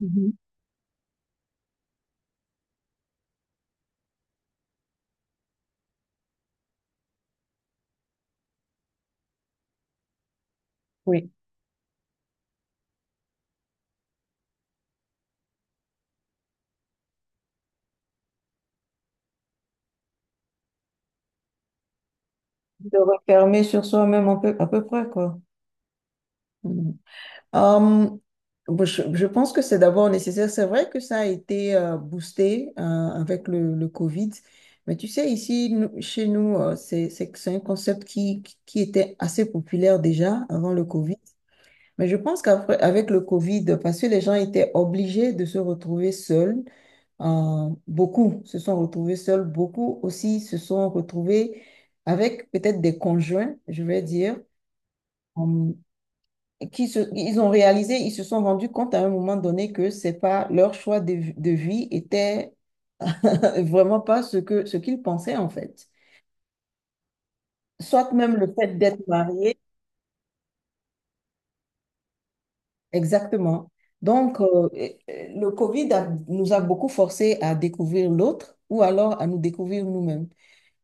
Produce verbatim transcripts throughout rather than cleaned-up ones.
Mhm. Oui. De refermer sur soi-même un peu, à peu près, quoi. Mhm. Hum, bon, je, je pense que c'est d'abord nécessaire. C'est vrai que ça a été euh, boosté euh, avec le, le Covid, mais tu sais, ici, nous- chez nous, euh, c'est, c'est, c'est un concept qui, qui était assez populaire déjà avant le Covid. Mais je pense qu'avec le Covid, parce que les gens étaient obligés de se retrouver seuls. Euh, beaucoup se sont retrouvés seuls, beaucoup aussi se sont retrouvés avec peut-être des conjoints, je vais dire, euh, qui se- ils ont réalisé, ils se sont rendus compte à un moment donné que c'est pas leur choix de, vi- de vie était vraiment pas ce que ce qu'ils pensaient en fait. Soit même le fait d'être marié, exactement. Donc, euh, et- et le Covid a- nous a beaucoup forcés à découvrir l'autre ou alors à nous découvrir nous-mêmes.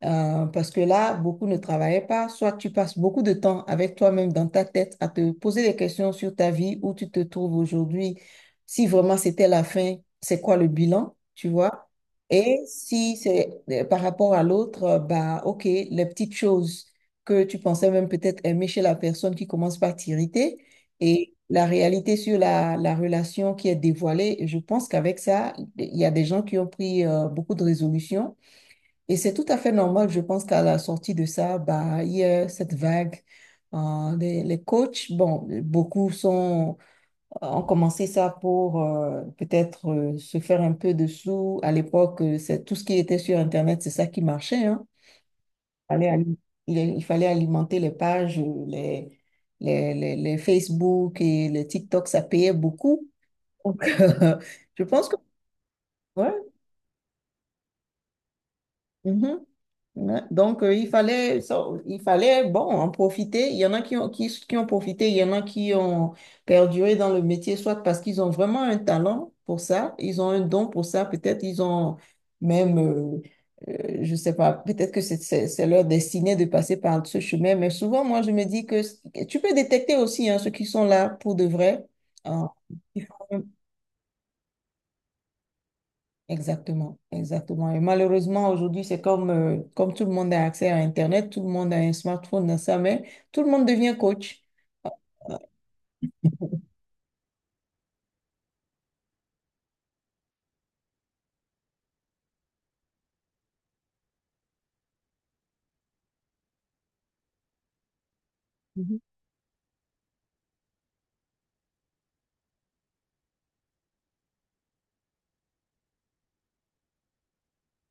Euh, parce que là, beaucoup ne travaillaient pas. Soit tu passes beaucoup de temps avec toi-même dans ta tête à te poser des questions sur ta vie, où tu te trouves aujourd'hui, si vraiment c'était la fin, c'est quoi le bilan, tu vois? Et si c'est euh, par rapport à l'autre, euh, bah ok, les petites choses que tu pensais même peut-être aimer chez la personne qui commence par t'irriter et la réalité sur la, la relation qui est dévoilée, je pense qu'avec ça, il y a des gens qui ont pris euh, beaucoup de résolutions et c'est tout à fait normal, je pense qu'à la sortie de ça, bah, il y a cette vague. euh, les, les coachs, bon, beaucoup sont, euh, ont commencé ça pour euh, peut-être euh, se faire un peu de sous. À l'époque, euh, c'est tout ce qui était sur Internet, c'est ça qui marchait, hein. Il fallait, ali- il, il fallait alimenter les pages, euh, les, les, les, les Facebook et les TikTok, ça payait beaucoup. Donc, je pense que ouais. Mhm. Ouais. Donc, euh, il fallait, ça- il fallait, bon, en profiter. Il y en a qui ont, qui, qui ont profité, il y en a qui ont perduré dans le métier, soit parce qu'ils ont vraiment un talent pour ça, ils ont un don pour ça, peut-être ils ont même, euh, euh, je sais pas, peut-être que c'est c'est- c'est leur destinée de passer par ce chemin. Mais souvent, moi, je me dis que c- tu peux détecter aussi hein, ceux qui sont là pour de vrai. Hein, qui font exactement, exactement. Et malheureusement, aujourd'hui, c'est comme, euh, comme tout le monde a accès à Internet, tout le monde a un smartphone dans sa main, tout le monde devient coach. Mhm,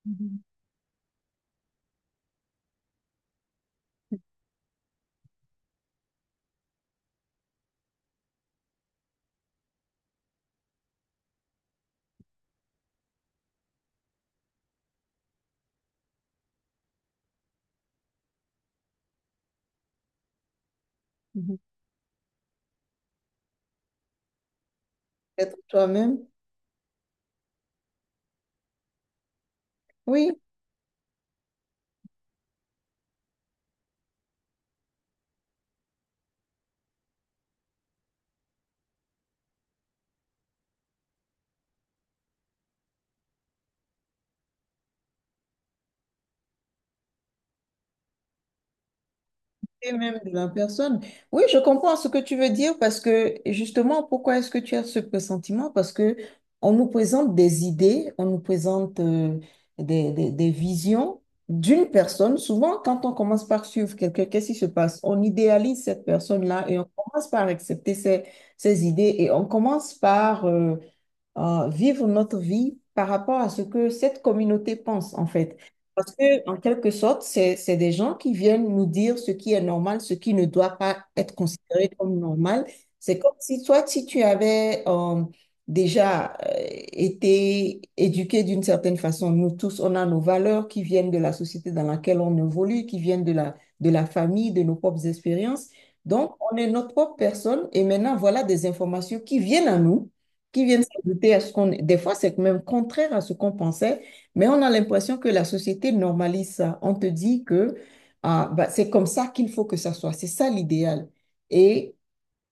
mhm, mhm. Peut-être toi-même. Oui. Et même de la personne. Oui, je comprends ce que tu veux dire parce que justement, pourquoi est-ce que tu as ce pressentiment? Parce que on nous présente des idées, on nous présente euh, des, des- des visions d'une personne. Souvent, quand on commence par suivre quelqu'un, qu'est-ce qui se passe? On idéalise cette personne-là et on commence par accepter ses, ses idées et on commence par euh, euh, vivre notre vie par rapport à ce que cette communauté pense, en fait. Parce que, en quelque sorte, c'est, c'est des gens qui viennent nous dire ce qui est normal, ce qui ne doit pas être considéré comme normal. C'est comme si toi, si tu avais euh, déjà euh, été éduqué d'une certaine façon, nous tous, on a nos valeurs qui viennent de la société dans laquelle on évolue, qui viennent de la, de la famille, de nos propres expériences. Donc, on est notre propre personne et maintenant, voilà des informations qui viennent à nous qui viennent s'ajouter à ce qu'on... Des fois, c'est même contraire à ce qu'on pensait, mais on a l'impression que la société normalise ça. On te dit que ah, bah, c'est comme ça qu'il faut que ça soit, c'est ça l'idéal. Et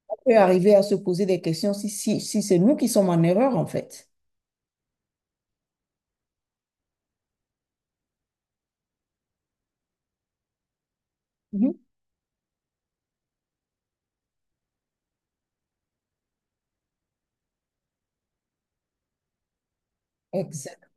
on peut arriver à se poser des questions si, si, si c'est nous qui sommes en erreur, en fait. Mhm. Exact.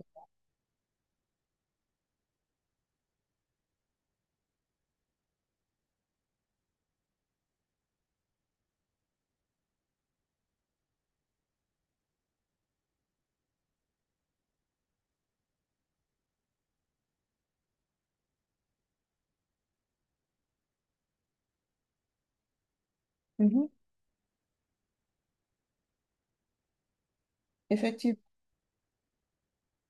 Mhm. Effectivement.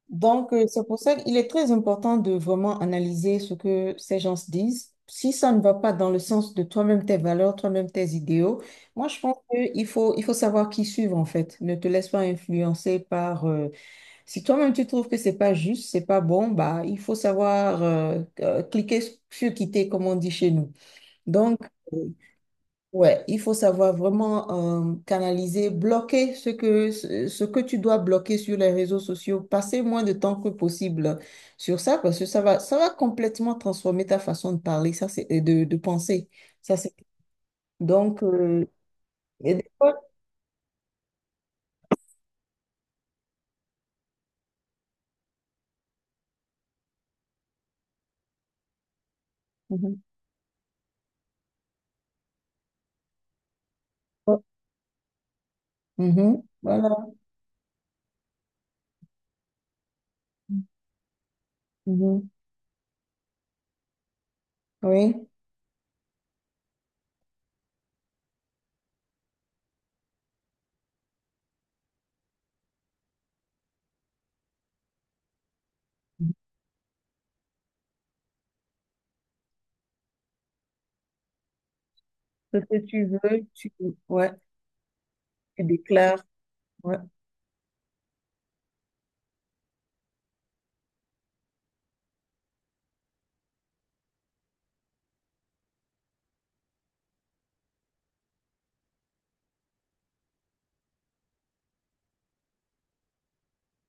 Donc, euh, c'est pour ça qu'il est très important de vraiment analyser ce que ces gens se disent. Si ça ne va pas dans le sens de toi-même, tes valeurs, toi-même, tes idéaux, moi, je pense qu'il faut, il faut savoir qui suivre, en fait. Ne te laisse pas influencer par... euh, si toi-même, tu trouves que c'est pas juste, c'est pas bon, bah, il faut savoir euh, euh, cliquer sur quitter, comme on dit chez nous. Donc, ouais, il faut savoir vraiment euh, canaliser, bloquer ce que, ce, ce que tu dois bloquer sur les réseaux sociaux. Passer moins de temps que possible sur ça parce que ça va, ça va complètement transformer ta façon de parler, ça c'est, et de, de penser. Ça c'est, donc, euh, et des fois- Mhm. Oh, mhm, voilà, mhm, oui, ce que tu veux, tu, ouais, tu déclares. Ouais.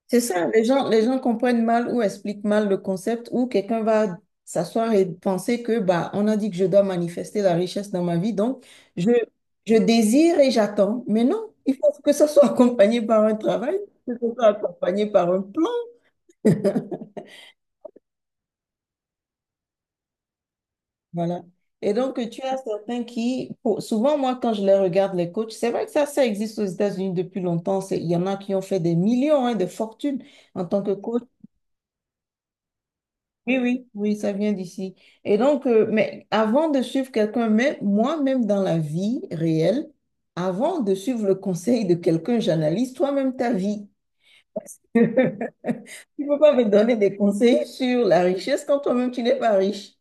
C'est ça, les gens, les gens comprennent mal ou expliquent mal le concept ou quelqu'un va s'asseoir et penser que bah, on a dit que je dois manifester la richesse dans ma vie, donc je, je désire et j'attends. Mais non, il faut que ça soit accompagné par un travail, que ça soit accompagné par un plan. Voilà. Et donc, tu as certains qui, pour- souvent, moi, quand je les regarde, les coachs, c'est vrai que ça, ça existe aux États-Unis depuis longtemps. C'est- il y en a qui ont fait des millions, hein, de fortunes en tant que coach. Oui, oui, oui, ça vient d'ici. Et donc, euh, mais avant de suivre quelqu'un, même moi-même dans la vie réelle, avant de suivre le conseil de quelqu'un, j'analyse toi-même ta vie. Tu ne peux pas me donner des conseils sur la richesse quand toi-même tu n'es pas riche.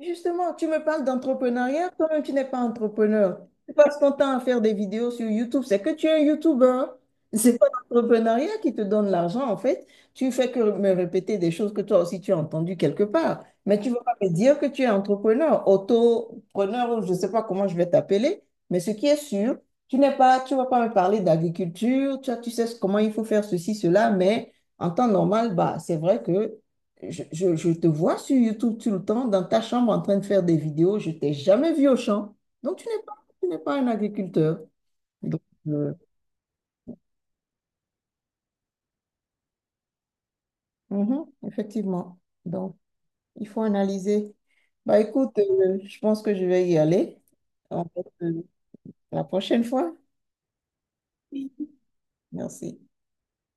Justement, tu me parles d'entrepreneuriat, toi-même tu n'es pas entrepreneur. Tu passes ton temps à faire des vidéos sur YouTube, c'est que tu es un YouTuber. C'est pas l'entrepreneuriat qui te donne l'argent en fait. Tu fais que me répéter des choses que toi aussi tu as entendues quelque part. Mais tu ne vas pas me dire que tu es entrepreneur, autopreneur ou je ne sais pas comment je vais t'appeler. Mais ce qui est sûr, tu n'es pas, tu vas pas me parler d'agriculture, tu, tu sais comment il faut faire ceci, cela, mais en temps normal, bah, c'est vrai que je, je- je te vois sur YouTube tout le temps, dans ta chambre en train de faire des vidéos. Je t'ai jamais vu au champ. Donc, tu n'es pas, tu n'es pas un agriculteur. Donc, euh, mhm, effectivement. Donc, il faut analyser. Bah, écoute, euh, je pense que je vais y aller. On va se- la prochaine fois. Merci.